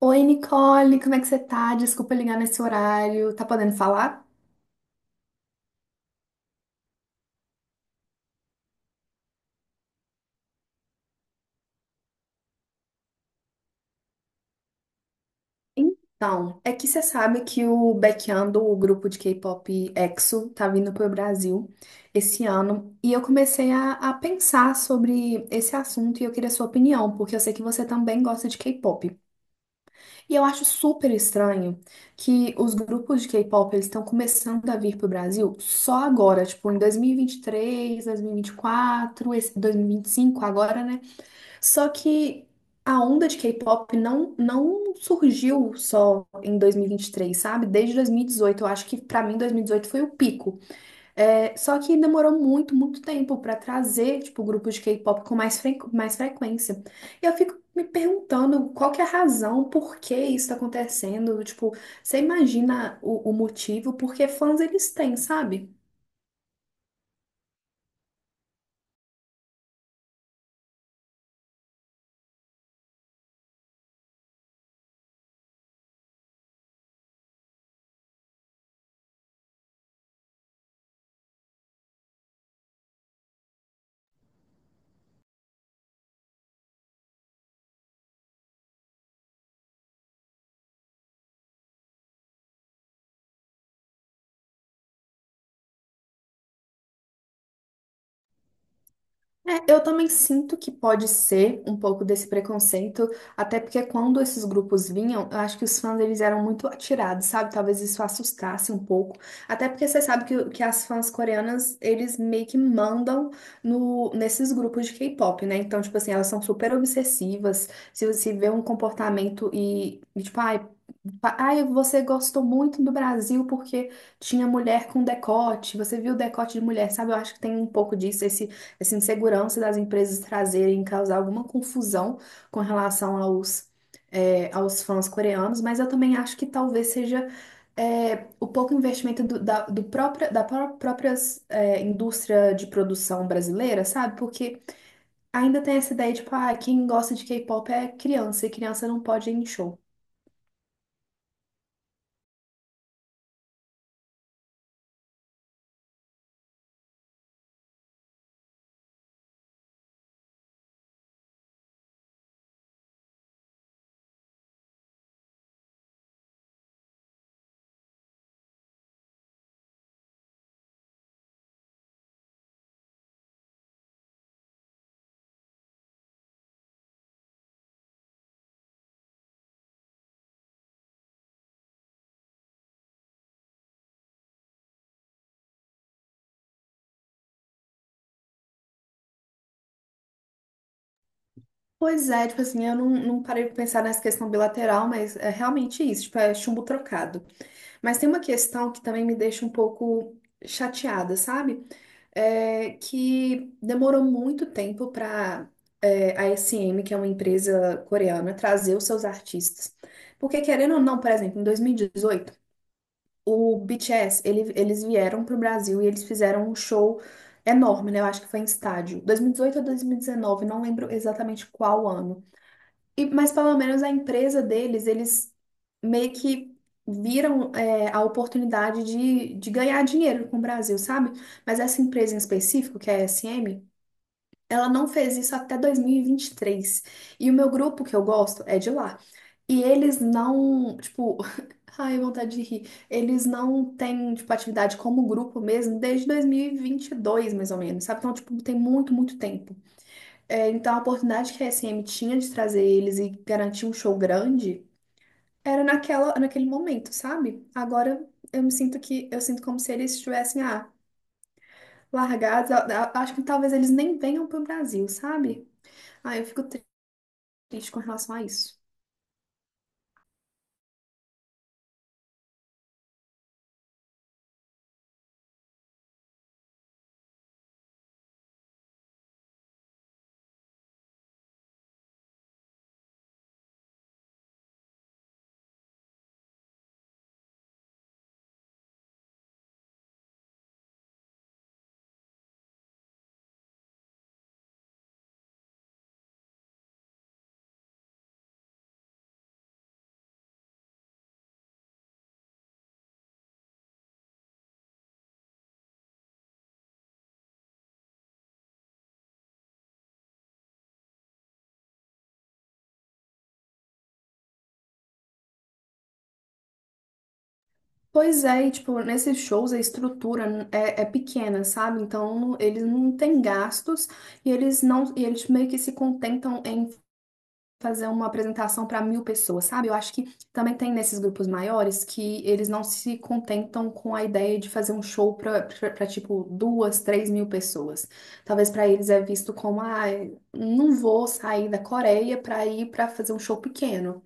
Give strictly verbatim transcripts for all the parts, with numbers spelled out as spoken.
Oi, Nicole, como é que você tá? Desculpa ligar nesse horário. Tá podendo falar? Então, é que você sabe que o Baekhyun, o grupo de K-pop EXO, tá vindo pro Brasil esse ano. E eu comecei a, a pensar sobre esse assunto e eu queria sua opinião, porque eu sei que você também gosta de K-pop. E eu acho super estranho que os grupos de K-pop eles estão começando a vir pro Brasil só agora, tipo em dois dois mil mil e vinte e três, dois mil e vinte vinte três, e dois mil e vinte e quatro, esse dois mil e vinte e cinco agora, né? Só que a onda de K-pop não, não surgiu só em dois mil e e vinte e três, sabe? Desde dois mil e dezoito, eu acho que pra mim dois mil e dezoito foi o pico. É, só que demorou muito, muito tempo pra trazer, tipo, grupos de K-pop com mais, fre- mais frequência. E eu fico me perguntando qual que é a razão, por que isso tá acontecendo? Tipo, você imagina o, o motivo? Porque fãs eles têm, sabe? É, eu também sinto que pode ser um pouco desse preconceito, até porque quando esses grupos vinham, eu acho que os fãs eles eram muito atirados, sabe? Talvez isso assustasse um pouco. Até porque você sabe que, que as fãs coreanas, eles meio que mandam no, nesses grupos de K-pop, né? Então, tipo assim, elas são super obsessivas. Se você vê um comportamento e, e tipo, ai, pa- ai, você gostou muito do Brasil porque tinha mulher com decote, você viu o decote de mulher, sabe? Eu acho que tem um pouco disso, esse essa insegurança das empresas trazerem causar alguma confusão com relação aos, é, aos fãs coreanos, mas eu também acho que talvez seja é, o pouco investimento do, da, do própria, da pró- própria é, indústria de produção brasileira, sabe? Porque ainda tem essa ideia, tipo, ah, quem gosta de K-pop é criança, e criança não pode ir em show. Pois é, tipo assim, eu não, não parei pra pensar nessa questão bilateral, mas é realmente isso, tipo, é chumbo trocado. Mas tem uma questão que também me deixa um pouco chateada, sabe? É que demorou muito tempo para a S M, que é uma empresa coreana, trazer os seus artistas. Porque, querendo ou não, por exemplo, em dois mil e dezoito, o B T S, ele- eles vieram para o Brasil e eles fizeram um show enorme, né? Eu acho que foi em estádio. dois mil e dezoito ou dois mil e dezenove, não lembro exatamente qual ano. E mas pelo menos a empresa deles, eles meio que viram é, a oportunidade de, de ganhar dinheiro com o Brasil, sabe? Mas essa empresa em específico, que é a S M, ela não fez isso até dois mil e vinte e três. E vinte e três. E o meu grupo que eu gosto é de lá. E eles não, tipo, ai, vontade de rir. Eles não têm, tipo, atividade como grupo mesmo desde dois mil e vinte e dois, mais ou menos, sabe? Então, tipo, tem muito, muito tempo. É, então, a oportunidade que a S M tinha de trazer eles e garantir um show grande era naquela, naquele momento, sabe? Agora eu me sinto que eu sinto como se eles estivessem ah, largados. a- a- Acho que talvez eles nem venham para o Brasil, sabe? Ah, eu fico triste com relação a isso. Pois é, e, tipo, nesses shows a estrutura é, é pequena, sabe? Então eles não têm gastos e eles não, e eles meio que se contentam em fazer uma apresentação para mil pessoas, sabe? Eu acho que também tem nesses grupos maiores que eles não se contentam com a ideia de fazer um show para tipo duas, três mil pessoas. Talvez para eles é visto como, ah, não vou sair da Coreia para ir para fazer um show pequeno.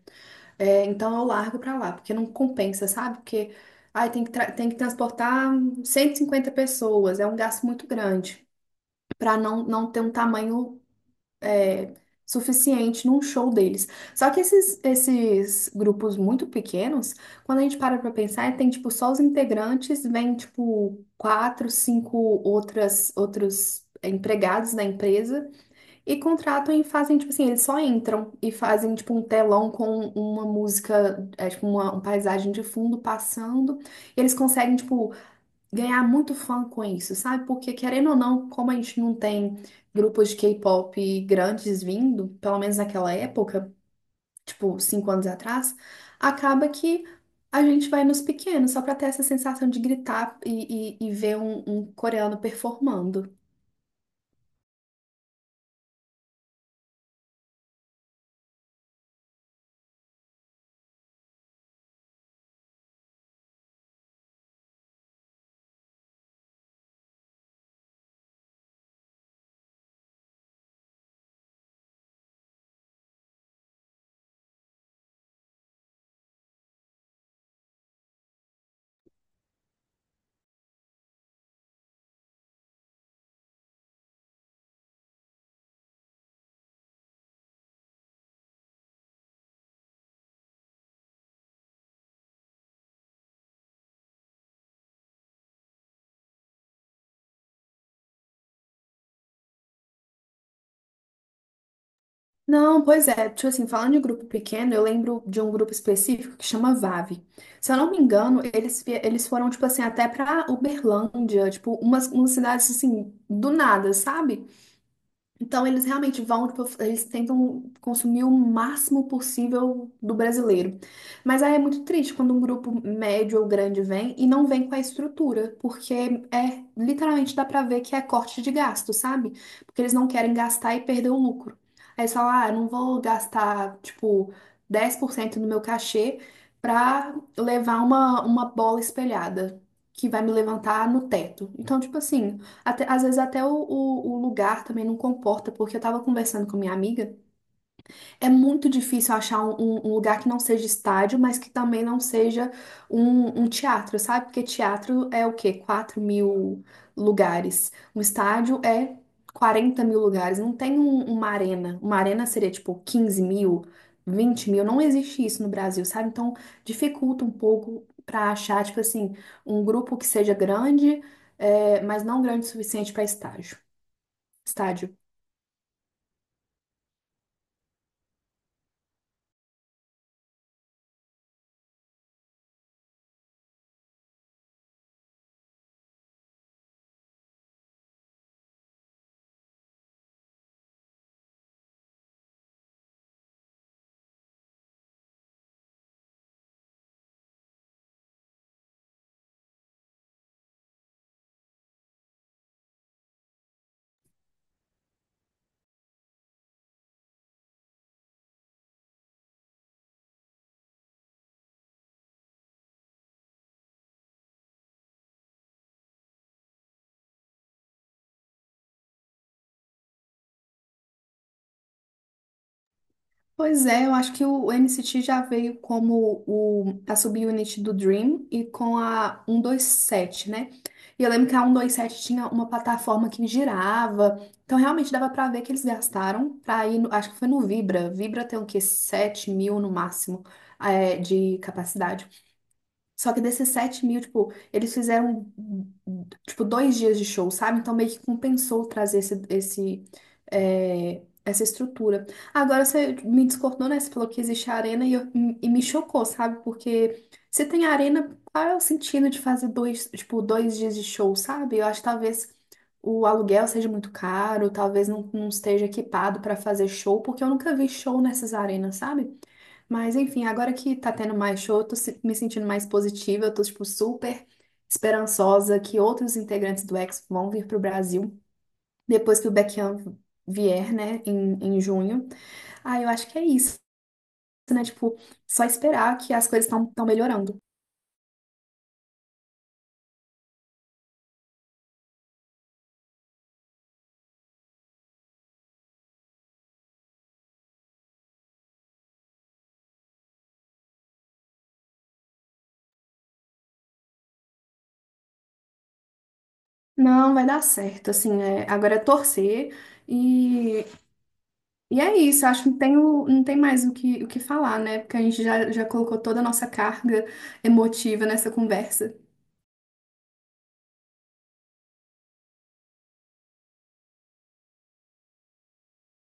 É, então eu largo para lá, porque não compensa, sabe? Porque ai, tem que, tra- tem que transportar cento e cinquenta pessoas, é um gasto muito grande. Para não, não ter um tamanho é, suficiente num show deles. Só que esses, esses grupos muito pequenos, quando a gente para pra pensar, tem tipo só os integrantes, vem tipo quatro, cinco outras, outros empregados da empresa e contratam e fazem tipo assim, eles só entram e fazem tipo um telão com uma música, é, tipo uma, uma paisagem de fundo passando. E eles conseguem tipo ganhar muito fã com isso, sabe? Porque querendo ou não, como a gente não tem grupos de K-pop grandes vindo, pelo menos naquela época, tipo cinco anos atrás, acaba que a gente vai nos pequenos só pra ter essa sensação de gritar e, e, e ver um, um coreano performando. Não, pois é, tipo assim, falando de grupo pequeno, eu lembro de um grupo específico que chama V A V. Se eu não me engano, eles, vie- eles foram, tipo assim, até pra Uberlândia, tipo, umas, umas cidades, assim, do nada, sabe? Então, eles realmente vão, tipo, eles tentam consumir o máximo possível do brasileiro. Mas aí é muito triste quando um grupo médio ou grande vem e não vem com a estrutura, porque é literalmente dá pra ver que é corte de gasto, sabe? Porque eles não querem gastar e perder o lucro. Aí eles falam, ah, eu não vou gastar, tipo, dez por cento do meu cachê pra levar uma, uma bola espelhada. Que vai me levantar no teto. Então, tipo assim, até- às vezes até o, o- o lugar também não comporta, porque eu tava conversando com minha amiga. É muito difícil achar um, um- um lugar que não seja estádio, mas que também não seja um, um teatro, sabe? Porque teatro é o quê? Quatro mil lugares. Um estádio é quarenta mil lugares. Não tem um- uma arena. Uma arena seria tipo quinze mil, vinte mil. Não existe isso no Brasil, sabe? Então dificulta um pouco para achar, tipo assim, um grupo que seja grande, é, mas não grande o suficiente para estágio. Estádio. Pois é, eu acho que o N C T já veio como o, a subunit do Dream e com a um dois sete, né? E eu lembro que a um dois sete tinha uma plataforma que girava, então realmente dava pra ver que eles gastaram pra ir, no- acho que foi no Vibra. Vibra tem o quê? Sete mil no máximo, é, de capacidade. Só que desses sete mil, tipo, eles fizeram, tipo, dois dias de show, sabe? Então meio que compensou trazer esse, esse, é, essa estrutura. Agora você me discordou, né? Você falou que existe a arena e, eu- e me chocou, sabe? Porque se tem arena, qual é o sentido de fazer dois, tipo, dois dias de show, sabe? Eu acho que talvez o aluguel seja muito caro, talvez não, não esteja equipado para fazer show, porque eu nunca vi show nessas arenas, sabe? Mas enfim, agora que tá tendo mais show, eu tô se- me sentindo mais positiva, eu tô tipo super esperançosa que outros integrantes do X vão vir pro Brasil depois que o Baekhyun vier, né, em, em junho. Ah, eu acho que é isso, né? Tipo, só esperar que as coisas estão estão melhorando. Não, vai dar certo, assim, é, agora é torcer e, e é isso, acho que não tem, o- não tem mais o que, o que falar, né? Porque a gente já, já colocou toda a nossa carga emotiva nessa conversa.